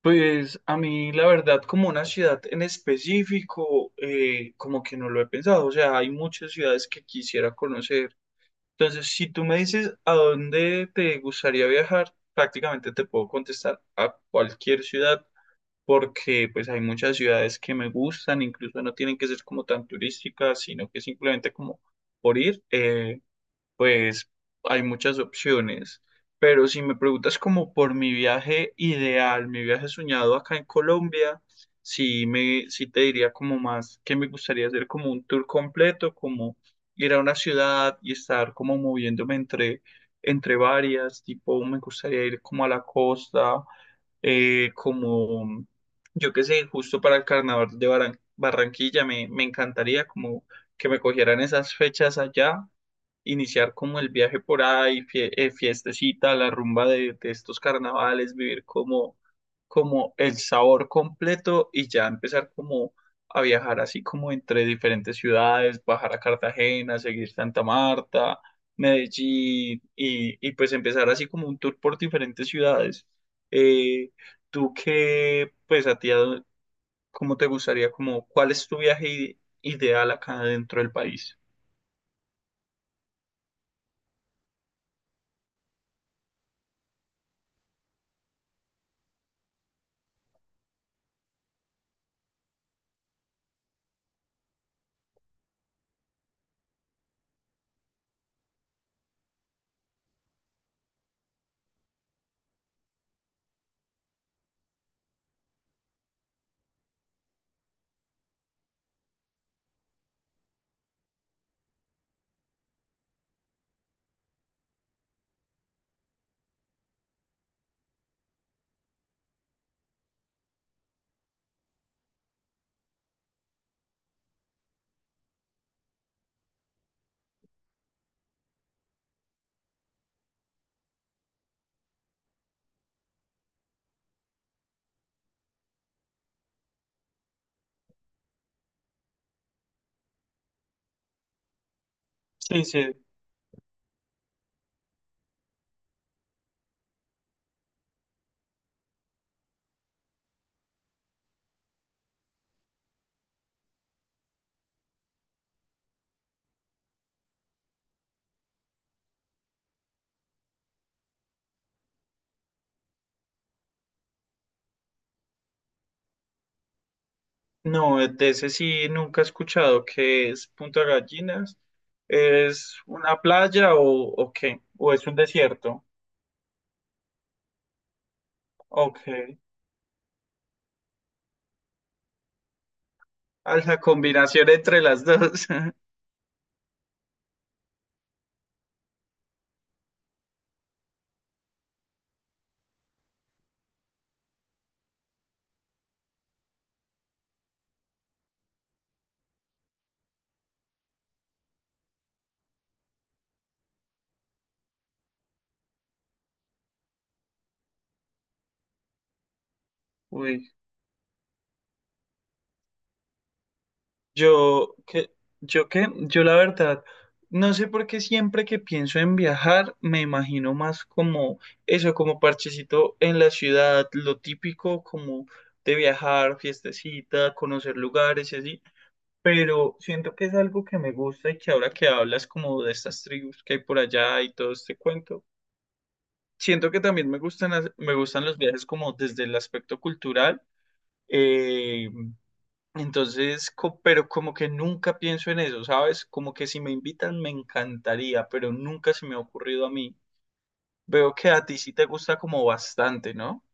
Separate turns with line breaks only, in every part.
Pues a mí la verdad como una ciudad en específico como que no lo he pensado, o sea, hay muchas ciudades que quisiera conocer. Entonces, si tú me dices a dónde te gustaría viajar, prácticamente te puedo contestar a cualquier ciudad porque pues hay muchas ciudades que me gustan, incluso no tienen que ser como tan turísticas, sino que simplemente como por ir. Pues hay muchas opciones, pero si me preguntas como por mi viaje ideal, mi viaje soñado acá en Colombia, sí te diría como más que me gustaría hacer como un tour completo, como ir a una ciudad y estar como moviéndome entre varias, tipo me gustaría ir como a la costa, como yo qué sé, justo para el carnaval de Barranquilla me encantaría como que me cogieran esas fechas allá, iniciar como el viaje por ahí, fiestecita, la rumba de estos carnavales, vivir como, como el sabor completo y ya empezar como a viajar así como entre diferentes ciudades, bajar a Cartagena, seguir Santa Marta, Medellín y pues empezar así como un tour por diferentes ciudades. Eh, pues a ti, ¿cómo te gustaría, como cuál es tu viaje ideal acá dentro del país? Sí, sí, no, de ese sí nunca he escuchado que es Punta Gallinas. ¿Es una playa o qué? ¿O es un desierto? Ok. Alta combinación entre las dos. Uy. Yo, que, yo qué, yo la verdad, no sé por qué siempre que pienso en viajar, me imagino más como eso, como parchecito en la ciudad, lo típico como de viajar, fiestecita, conocer lugares y así, pero siento que es algo que me gusta y que ahora que hablas como de estas tribus que hay por allá y todo este cuento, siento que también me me gustan los viajes como desde el aspecto cultural. eh, pero como que nunca pienso en eso, ¿sabes? Como que si me invitan me encantaría, pero nunca se me ha ocurrido a mí. Veo que a ti sí te gusta como bastante, ¿no?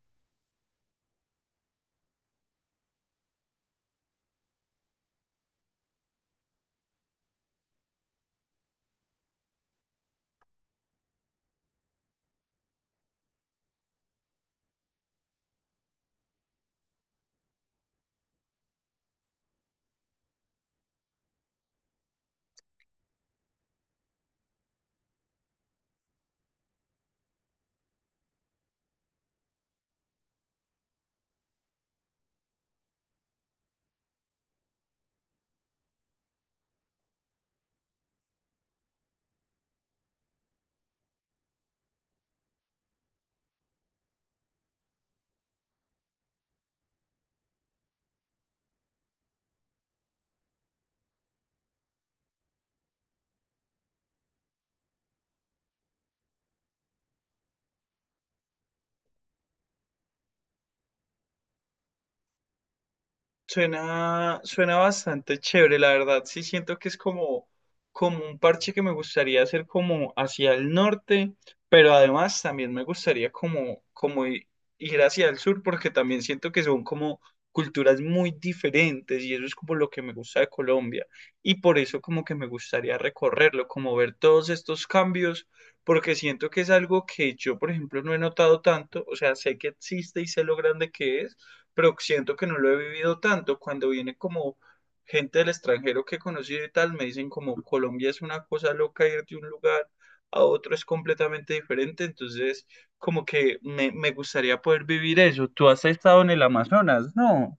Suena, suena bastante chévere, la verdad. Sí, siento que es como, como un parche que me gustaría hacer como hacia el norte, pero además también me gustaría como ir hacia el sur, porque también siento que son como culturas muy diferentes y eso es como lo que me gusta de Colombia. Y por eso como que me gustaría recorrerlo, como ver todos estos cambios, porque siento que es algo que yo, por ejemplo, no he notado tanto, o sea, sé que existe y sé lo grande que es, pero siento que no lo he vivido tanto. Cuando viene como gente del extranjero que he conocido y tal, me dicen como Colombia es una cosa loca, ir de un lugar a otro es completamente diferente. Entonces, como que me gustaría poder vivir eso. Tú has estado en el Amazonas, ¿no?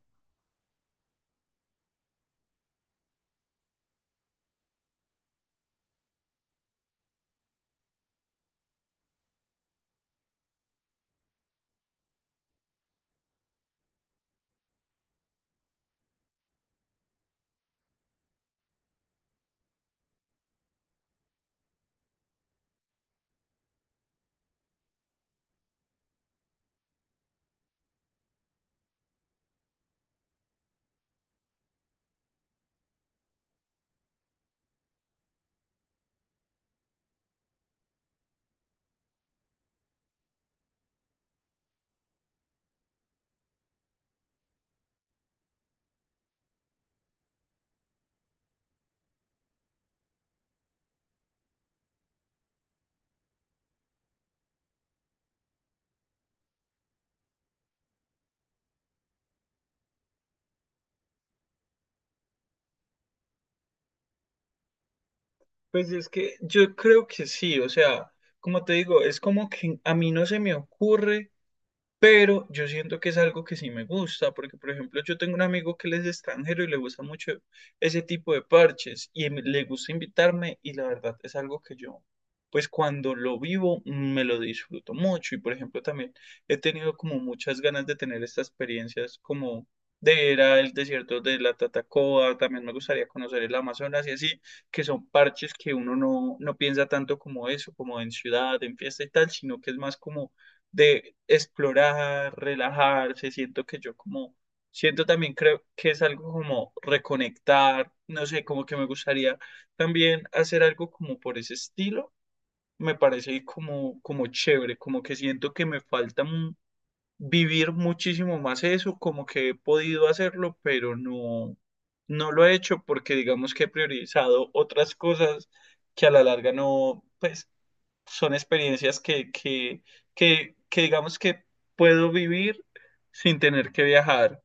Pues es que yo creo que sí, o sea, como te digo, es como que a mí no se me ocurre. Pero yo siento que es algo que sí me gusta, porque por ejemplo yo tengo un amigo que él es extranjero y le gusta mucho ese tipo de parches y le gusta invitarme y la verdad es algo que yo, pues cuando lo vivo me lo disfruto mucho y por ejemplo también he tenido como muchas ganas de tener estas experiencias como de ir al desierto de la Tatacoa, también me gustaría conocer el Amazonas y así, que son parches que uno no piensa tanto como eso, como en ciudad, en fiesta y tal, sino que es más como de explorar, relajarse, siento que yo como, siento también creo que es algo como reconectar, no sé, como que me gustaría también hacer algo como por ese estilo, me parece como, como chévere, como que siento que me falta vivir muchísimo más eso, como que he podido hacerlo, pero no, no lo he hecho porque digamos que he priorizado otras cosas que a la larga no, pues son experiencias que digamos que puedo vivir sin tener que viajar.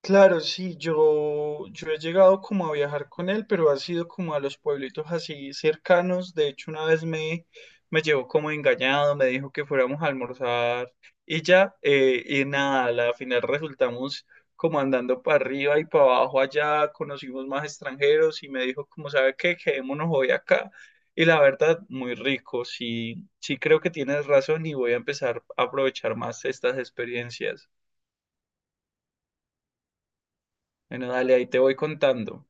Claro, sí, yo he llegado como a viajar con él, pero ha sido como a los pueblitos así cercanos. De hecho, una vez me llevó como engañado, me dijo que fuéramos a almorzar y ya, y nada, a la final resultamos como andando para arriba y para abajo allá, conocimos más extranjeros y me dijo como, ¿sabe qué? Quedémonos hoy acá. Y la verdad, muy rico, sí, sí creo que tienes razón y voy a empezar a aprovechar más estas experiencias. Bueno, dale, ahí te voy contando.